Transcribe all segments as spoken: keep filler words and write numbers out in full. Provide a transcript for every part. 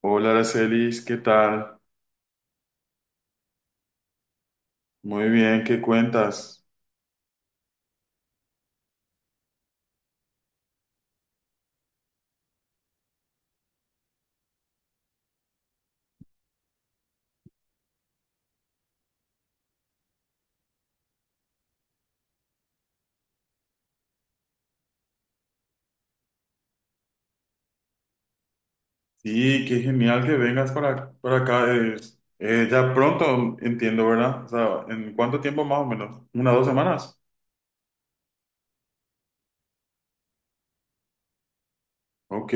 Hola, Aracelis, ¿qué tal? Muy bien, ¿qué cuentas? Sí, qué genial que vengas para, para acá. Es, eh, ya pronto, entiendo, ¿verdad? O sea, ¿en cuánto tiempo más o menos? ¿Una, dos semanas? Ok,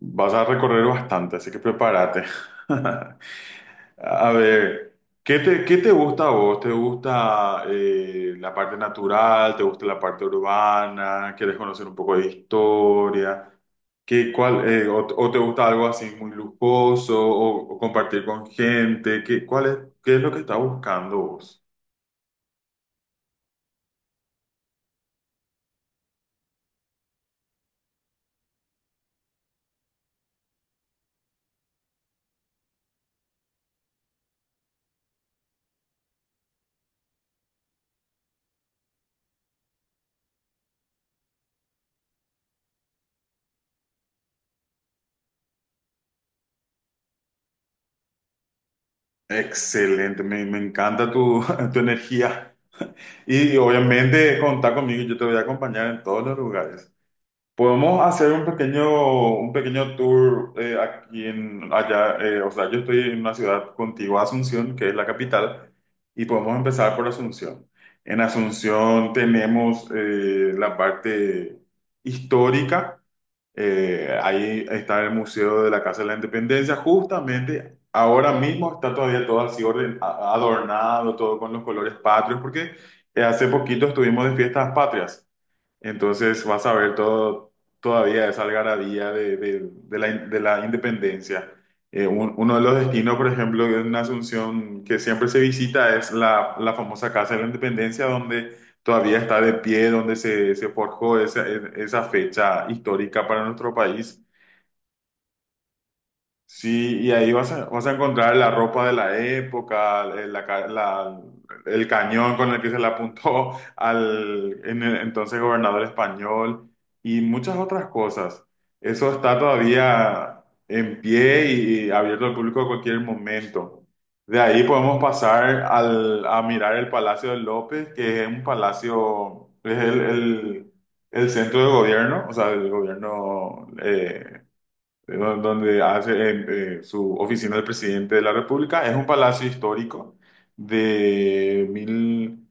vas a recorrer bastante, así que prepárate. A ver, ¿qué te, ¿qué te gusta a vos? ¿Te gusta eh, la parte natural? ¿Te gusta la parte urbana? ¿Quieres conocer un poco de historia? ¿Qué, cuál, eh, o, ¿o te gusta algo así muy lujoso o, o compartir con gente? ¿Qué, cuál es, ¿qué es lo que estás buscando vos? Excelente, me, me encanta tu, tu energía. Y obviamente contar conmigo, yo te voy a acompañar en todos los lugares. Podemos hacer un pequeño, un pequeño tour eh, aquí en allá. eh, o sea, yo estoy en una ciudad contigua a Asunción, que es la capital, y podemos empezar por Asunción. En Asunción tenemos eh, la parte histórica. Eh, ahí está el Museo de la Casa de la Independencia. Justamente ahora mismo está todavía todo así orden, a- adornado, todo con los colores patrios, porque eh, hace poquito estuvimos de fiestas patrias. Entonces vas a ver todo, todavía esa algarabía de, de- de la, de la independencia. Eh, un- uno de los destinos, por ejemplo, en Asunción que siempre se visita es la, la famosa Casa de la Independencia, donde todavía está de pie, donde se, se forjó esa, e, esa fecha histórica para nuestro país. Sí, y ahí vas a, vas a encontrar la ropa de la época, el, la ca- la- el cañón con el que se le apuntó al en el entonces gobernador español y muchas otras cosas. Eso está todavía en pie y, y abierto al público a cualquier momento. De ahí podemos pasar al, a mirar el Palacio de López, que es un palacio, es el, el- el centro de gobierno, o sea, el gobierno eh, do- donde hace eh, eh, su oficina el presidente de la República. Es un palacio histórico de mil,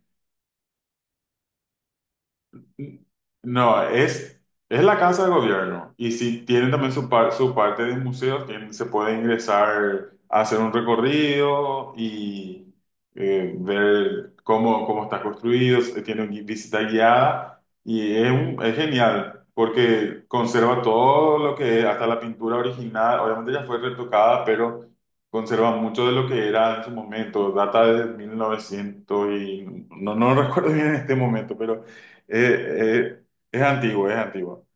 no, es, es la casa de gobierno. Y si tienen también su, par- su parte de museos, tienen- se puede ingresar a hacer un recorrido y eh, ver cómo, cómo está construido. se- Tiene gui- visita guiada y es, un- es genial porque conserva todo lo que hasta la pintura original. Obviamente ya fue retocada, pero conserva mucho de lo que era en su momento. Data de mil novecientos y no, no recuerdo bien en este momento, pero... Eh, eh, es antiguo, es antiguo.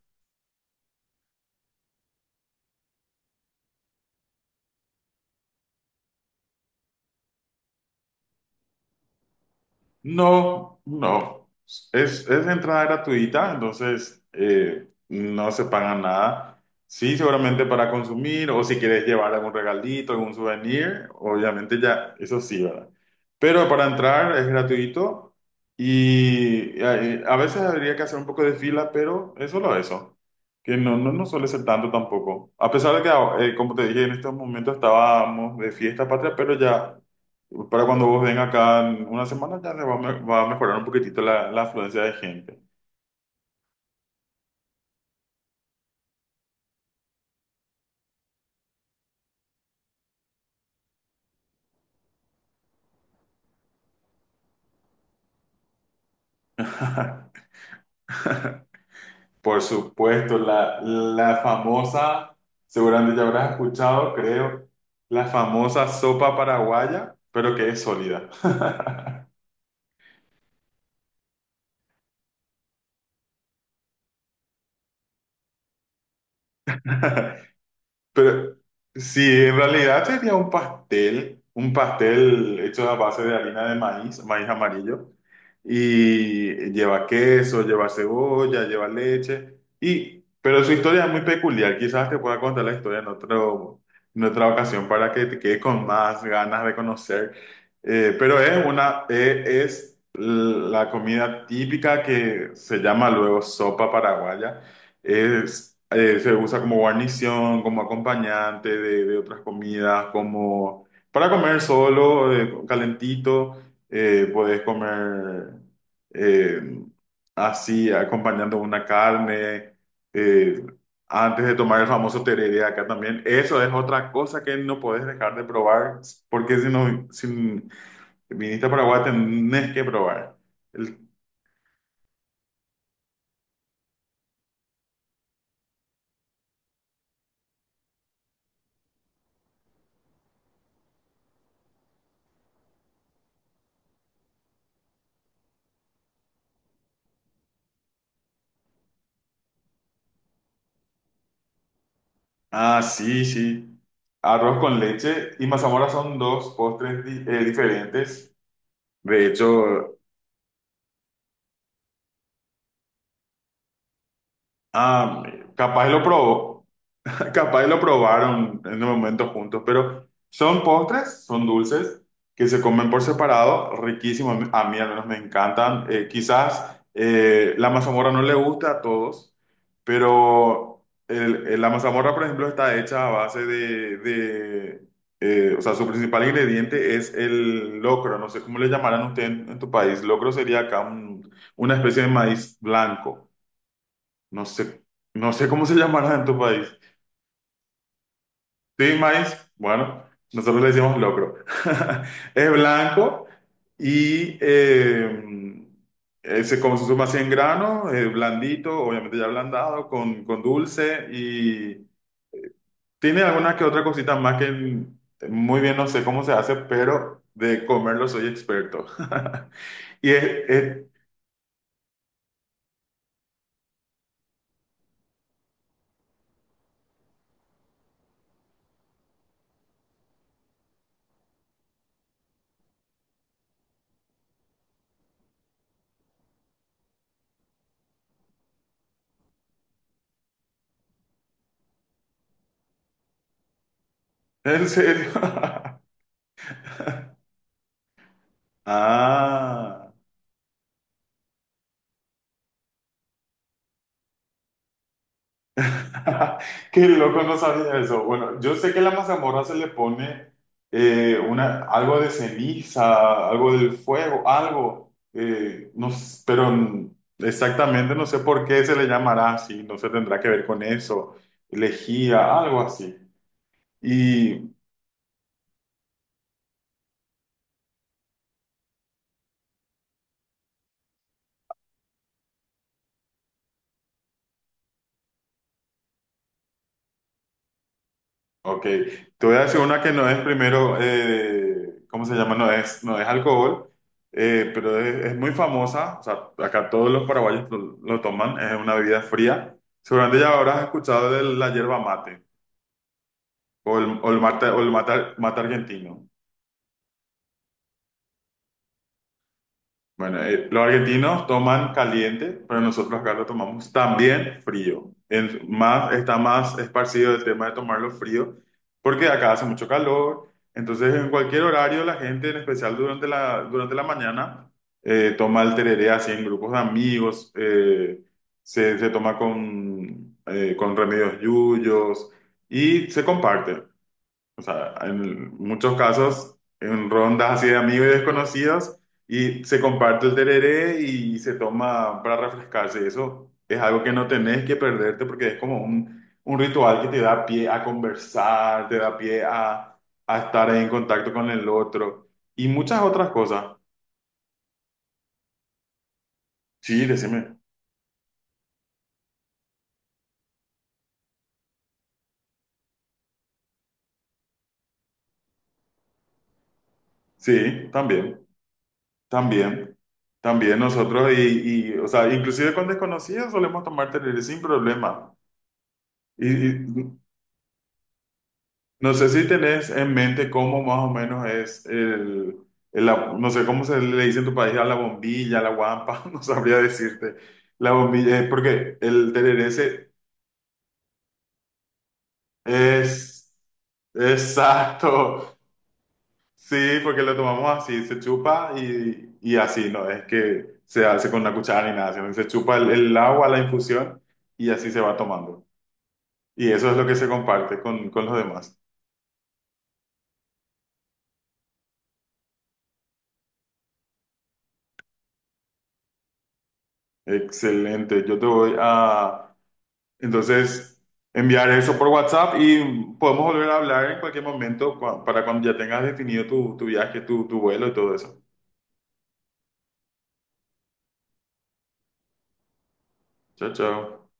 No, no. Es, es entrada gratuita, entonces eh, no se paga nada. Sí, seguramente para consumir o si quieres llevar algún regalito, algún souvenir, obviamente ya, eso sí, ¿verdad? Pero para entrar es gratuito y eh, a veces habría que hacer un poco de fila, pero es solo eso, que no, no, no suele ser tanto tampoco. A pesar de que, ah, eh, como te dije, en estos momentos estábamos de fiesta patria, pero ya... Para cuando vos vengas acá en una semana ya se va a, me- va a mejorar un poquitito la, la afluencia de gente. Por supuesto, la, la famosa, seguramente ya habrás escuchado, creo, la famosa sopa paraguaya, pero que es sólida. Pero sí, en realidad sería un pastel, un pastel hecho a base de harina de maíz, maíz amarillo, y lleva queso, lleva cebolla, lleva leche, y, pero su historia es muy peculiar, quizás te pueda contar la historia en otro, en otra ocasión para que te quedes con más ganas de conocer. Eh, pero es una, eh, es la comida típica que se llama luego sopa paraguaya, es, eh, se usa como guarnición, como acompañante de, de otras comidas, como para comer solo, eh, calentito, eh, puedes comer eh, así, acompañando una carne, eh, antes de tomar el famoso tereré acá también. Eso es otra cosa que no puedes dejar de probar, porque si no, si viniste a Paraguay tenés que probar. Ah, sí, sí. Arroz con leche y mazamorra son dos postres di- eh, diferentes. De hecho, ah, capaz lo probó. Capaz lo probaron en el momento juntos, pero son postres, son dulces que se comen por separado, riquísimos. A mí al menos me encantan. Eh, quizás eh, la mazamorra no le gusta a todos, pero el- el- la mazamorra, por ejemplo, está hecha a base de, de, eh, o sea, su principal ingrediente es el locro. No sé cómo le llamarán ustedes en, en tu país. Locro sería acá un- una especie de maíz blanco. No sé, no sé cómo se llamará en tu país. Sí, maíz, bueno, nosotros le decimos locro. Es blanco y eh, eh, se consume así en grano, eh, blandito, obviamente ya ablandado, con, con dulce y tiene alguna que otra cosita más que muy bien no sé cómo se hace, pero de comerlo soy experto. Y es, es, en serio. Ah. Qué loco, no sabía eso. Bueno, yo sé que a la mazamorra se le pone eh, una, algo de ceniza, algo del fuego, algo, eh, no, s- pero n- exactamente no sé por qué se le llamará así, no se tendrá que ver con eso, lejía, algo así. Ok, te voy a decir una que no es primero, eh, ¿cómo se llama? No es, no es alcohol, eh, pero es, es muy famosa, o sea, acá todos los paraguayos lo, lo toman, es una bebida fría. Seguramente ya habrás escuchado de la yerba mate o el, o el mate, o el mate, mate argentino. Bueno, eh, los argentinos toman caliente, pero nosotros acá lo tomamos también frío. En- más, está más esparcido el tema de tomarlo frío, porque acá hace mucho calor. Entonces, en cualquier horario, la gente, en especial durante la, durante la mañana, eh, toma el tereré así en grupos de amigos, eh, se, se toma con, eh, con remedios yuyos y se comparte. O sea, en muchos casos, en rondas así de amigos y desconocidos, y se comparte el tereré y se toma para refrescarse. Eso es algo que no tenés que perderte porque es como un, un ritual que te da pie a conversar, te da pie a, a estar en contacto con el otro y muchas otras cosas. Sí, decime. Sí, también, también. También nosotros y, y, o sea, inclusive con desconocidos solemos tomar tereré sin problema. Y, y No sé si tenés en mente cómo más o menos es el, el la- no sé cómo se le dice en tu país a la bombilla, a la guampa, no sabría decirte. La bombilla es porque el tereré se- es exacto, sí, porque lo tomamos así, se chupa y, y así, no es que se hace con una cuchara ni nada, sino que se chupa el, el agua, la infusión y así se va tomando. Y eso es lo que se comparte con, con los demás. Excelente, yo te voy a, entonces, enviar eso por WhatsApp y podemos volver a hablar en cualquier momento cua- para cuando ya tengas definido tu, tu viaje, tu, tu vuelo y todo eso. Chao, chao.